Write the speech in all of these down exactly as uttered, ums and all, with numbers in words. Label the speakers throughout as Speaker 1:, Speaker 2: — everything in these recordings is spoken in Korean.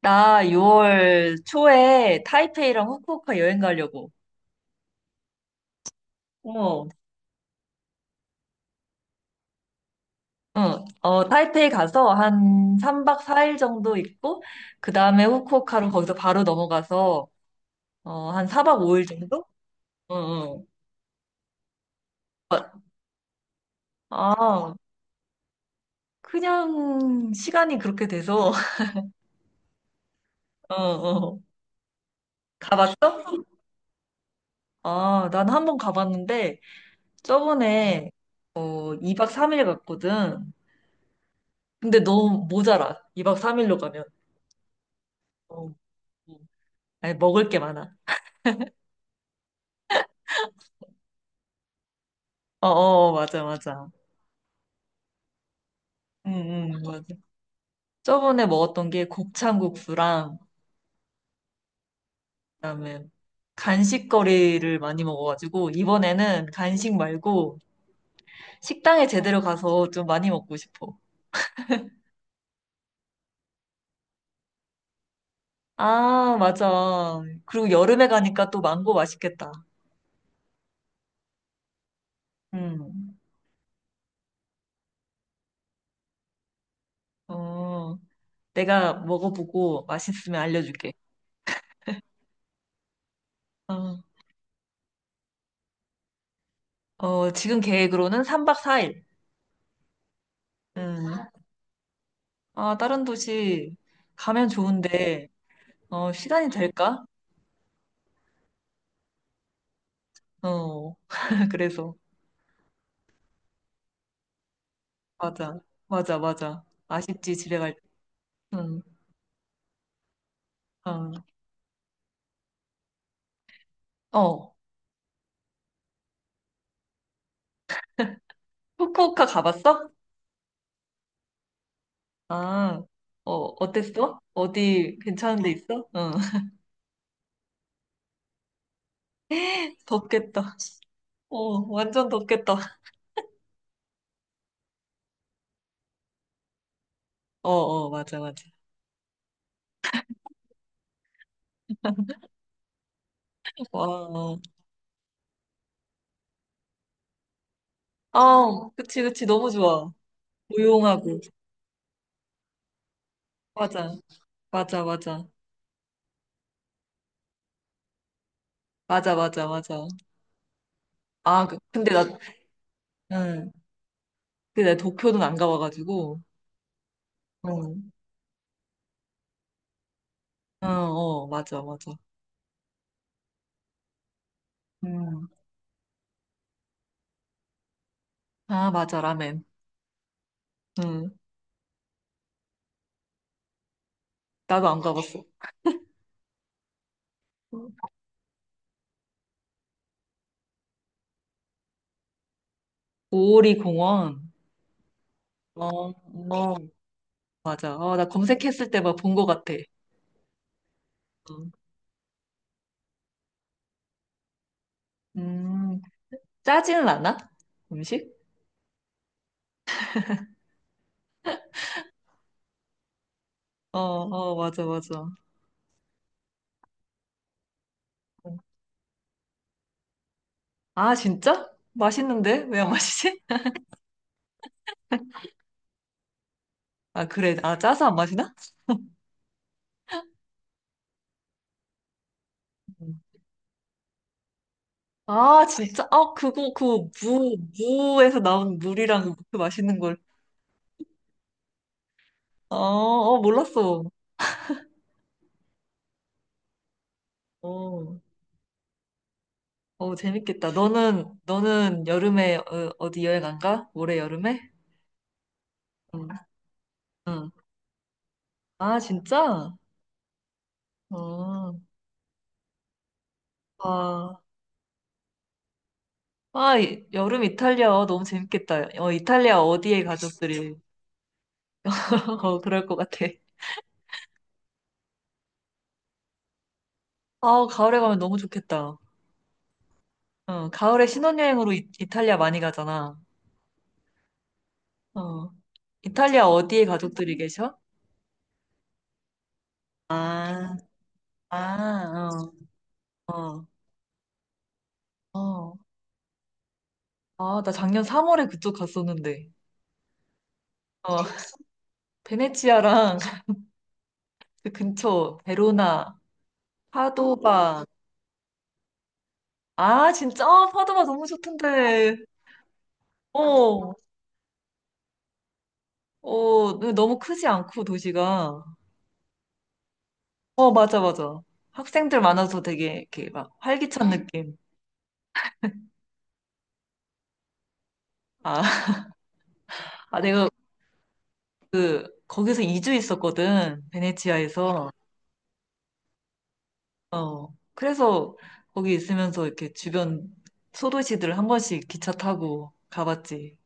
Speaker 1: 나 유월 초에 타이페이랑 후쿠오카 여행 가려고. 어, 응. 어, 타이페이 가서 한 삼 박 사 일 정도 있고, 그 다음에 후쿠오카로 거기서 바로 넘어가서, 어, 한 사 박 오 일 정도? 응, 응. 아, 그냥 시간이 그렇게 돼서, 어, 어. 가봤어? 아, 난 한 번 가봤는데, 저번에 이 박 삼 일 갔거든. 근데 너무 모자라. 이 박 삼 일로 가면. 어. 어. 아니, 먹을 게 많아. 어, 어, 맞아, 맞아. 응, 응, 맞아. 저번에 먹었던 게 곱창국수랑, 그다음에 간식거리를 많이 먹어가지고, 이번에는 간식 말고 식당에 제대로 가서 좀 많이 먹고 싶어. 아, 맞아. 그리고 여름에 가니까 또 망고 맛있겠다. 음. 어, 내가 먹어보고 맛있으면 알려줄게. 어, 어, 지금 계획으로는 삼 박 사 일. 음. 아, 다른 도시 가면 좋은데, 어, 시간이 될까? 어, 그래서. 맞아. 맞아, 맞아. 아쉽지, 집에 갈 때. 응, 어. 어, 후쿠오카 가봤어? 아, 어, 어땠어? 어디 괜찮은 데 있어? 응, 덥겠다. 어, 완전 덥겠다. 어, 어, 맞아, 맞아. 와, 어. 아, 그치, 그치, 너무 좋아. 조용하고. 맞아, 맞아, 맞아. 맞아, 맞아, 맞아. 아, 그- 근데 나, 응. 근데 나 도쿄는 안 가봐가지고. 응, 어, 어, 맞아, 맞아. 음. 아, 맞아, 라멘. 응. 나도 안 가봤어. 음, 오오리 공원. 어, 어, 음. 맞아. 어, 나 검색했을 때 막 본 것 같아. 음, 음, 짜지는 않아? 음식? 어, 어, 맞아, 맞아. 아, 진짜? 맛있는데? 왜 안 마시지? 아, 그래. 아, 짜서 안 마시나? 음. 아, 진짜? 아, 그거, 그, 무, 무에서 나온 물이랑 그 맛있는 걸. 어, 어, 몰랐어. 어. 어, 재밌겠다. 너는, 너는 여름에 어, 어디 여행 안 가? 올해 여름에? 응, 응. 아, 진짜? 어, 아, 아, 이- 여름 이탈리아 너무 재밌겠다. 어, 이탈리아 어디에 가족들이 어, 그럴 것 같아. 아, 가을에 가면 너무 좋겠다. 어, 가을에 신혼여행으로 이, 이탈리아 많이 가잖아. 어, 이탈리아 어디에 가족들이 계셔? 아, 아, 어, 어, 어. 아, 나 작년 삼 월에 그쪽 갔었는데. 어, 베네치아랑 그 근처 베로나, 파도바. 아, 진짜? 아, 파도바 너무 좋던데. 어, 어, 너무 크지 않고 도시가. 어, 맞아, 맞아. 학생들 많아서 되게 이렇게 막 활기찬 느낌. 아, 아 내가 거기서 이 주 있었거든. 베네치아에서. 어, 그래서 거기 있으면서 이렇게 주변 소도시들 한 번씩 기차 타고 가봤지.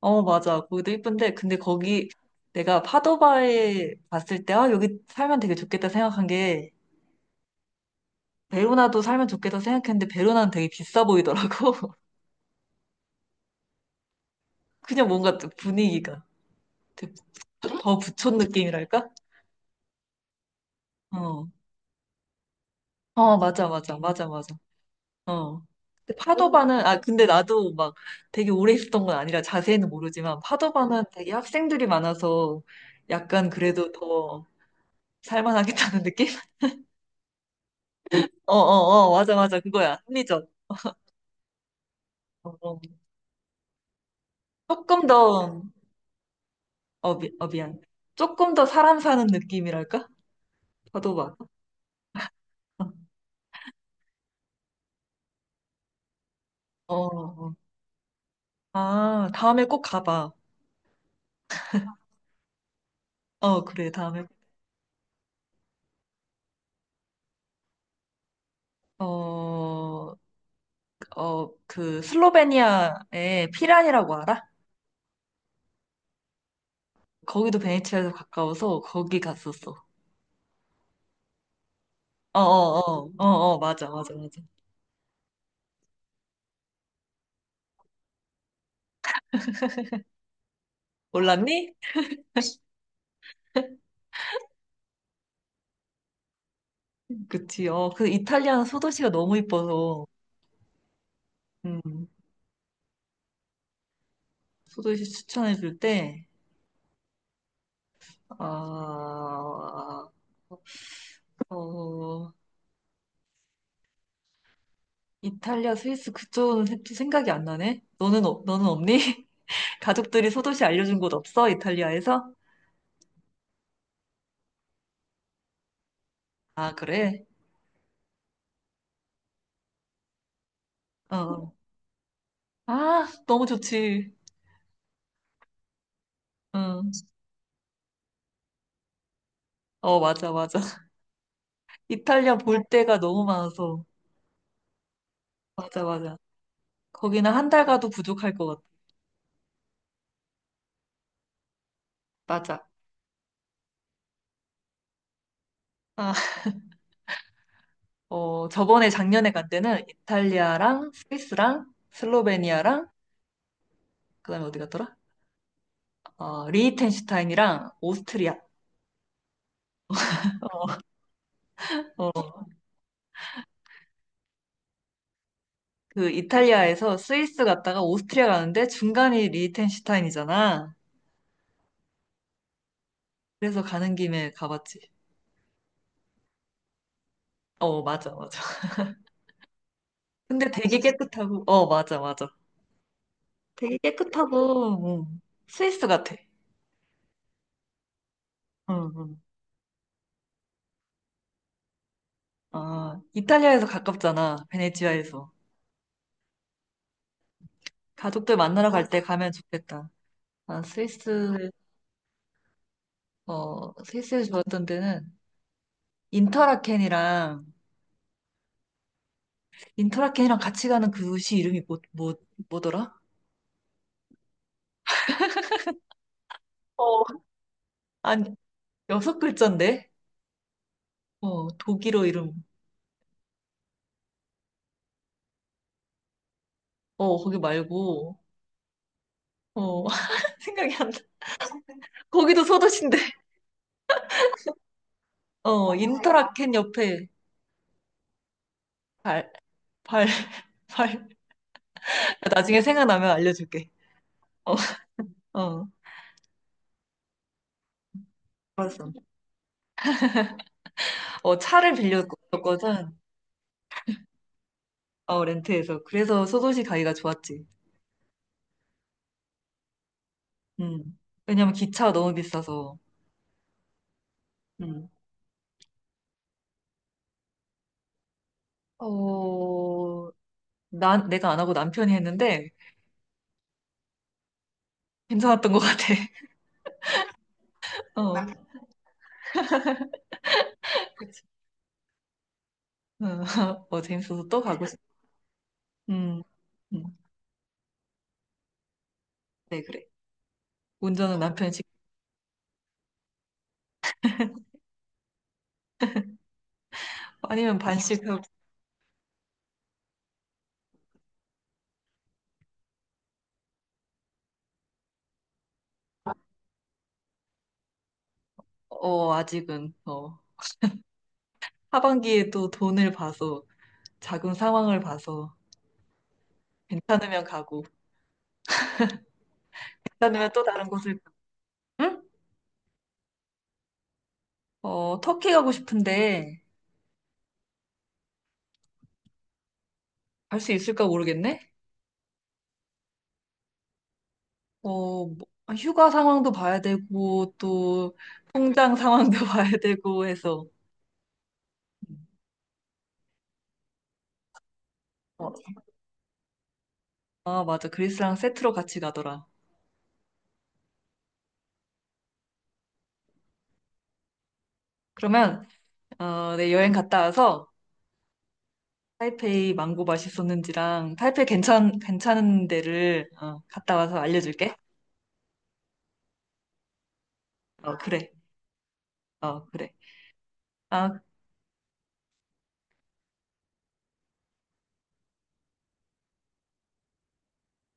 Speaker 1: 어, 맞아. 거기도 예쁜데, 근데 거기 내가 파도바에 갔을 때, 아, 여기 살면 되게 좋겠다 생각한 게, 베로나도 살면 좋겠다 생각했는데, 베로나는 되게 비싸 보이더라고. 그냥 뭔가 좀 분위기가. 되게 더 부촌 느낌이랄까? 어. 어, 맞아, 맞아, 맞아, 맞아. 어. 근데 파도바는, 아, 근데 나도 막 되게 오래 있었던 건 아니라 자세히는 모르지만, 파도바는 되게 학생들이 많아서 약간 그래도 더 살만하겠다는 느낌? 어, 어, 어, 맞아, 맞아. 그거야. 합리적. 어, 조금 더, 어, 미, 어, 미안. 조금 더 사람 사는 느낌이랄까? 파도바. 어, 어. 아, 다음에 꼭 가봐. 어, 그래, 다음에. 어, 어, 그, 슬로베니아에 피란이라고 알아? 거기도 베네치아에서 가까워서 거기 갔었어. 어, 어, 어, 어, 어, 맞아, 맞아, 맞아. 몰랐니? 그치, 어, 그 이탈리아는 소도시가 너무 이뻐서, 음, 소도시 추천해줄 때, 아, 어, 이탈리아, 스위스 그쪽은 또 생각이 안 나네? 너는, 없- 너는 없니? 가족들이 소도시 알려준 곳 없어? 이탈리아에서? 아, 그래? 어. 아, 너무 좋지. 응. 어, 맞아, 맞아. 이탈리아 볼 데가 너무 많아서. 맞아, 맞아. 거기는 한 달 가도 부족할 것 같아. 맞아. 아, 어, 저번에 작년에 간 때는 이탈리아랑 스위스랑 슬로베니아랑 그다음에 어디 갔더라? 어, 리히텐슈타인이랑 오스트리아. 어. 그 이탈리아에서 스위스 갔다가 오스트리아 가는데 중간이 리히텐슈타인이잖아. 그래서 가는 김에 가봤지. 어, 맞아, 맞아. 근데 되게 깨끗하고, 어, 맞아, 맞아. 되게 깨끗하고, 응. 스위스 같아. 응, 응. 아, 이탈리아에서 가깝잖아. 베네치아에서. 가족들 만나러 갈 때 가면 좋겠다. 아, 스위스, 어, 스위스에서 좋았던 데는 인터라켄이랑, 인터라켄이랑 같이 가는 그 도시 이름이 뭐, 뭐, 뭐더라? 어, 아니, 여섯 글자인데? 어, 독일어 이름. 어, 거기 말고. 어, 생각이 안 나. 거기도 소도시인데. 어, 인터라켄 옆에 발, 발, 발. 아, 나중에 생각나면 알려줄게. 어, 어, 알았어. 어, 차를 빌렸거든. 어, 렌트해서. 그래서 소도시 가기가 좋았지. 음. 왜냐면 기차가 너무 비싸서. 음. 어, 난, 내가 안 하고 남편이 했는데 괜찮았던 것 같아. 어, 어, 어, 재밌어서 또 가고 싶어. 음, 음. 네, 그래. 운전은 남편이 직접 아니면 반씩 하고. 어, 아직은. 어, 하반기에 또 돈을 봐서, 자금 상황을 봐서 괜찮으면 가고, 괜찮으면 또 다른 곳을 가고. 응? 어, 터키 가고 싶은데 갈 수 있을까 모르겠네. 어뭐 휴가 상황도 봐야 되고, 또 통장 상황도 봐야 되고 해서. 어, 아, 맞아, 그리스랑 세트로 같이 가더라. 그러면, 어, 내 여행 갔다 와서 타이페이 망고 맛있었는지랑 타이페이 괜찮 괜찮은 데를 어, 갔다 와서 알려줄게. 어, 그래. 어, 그래. 아.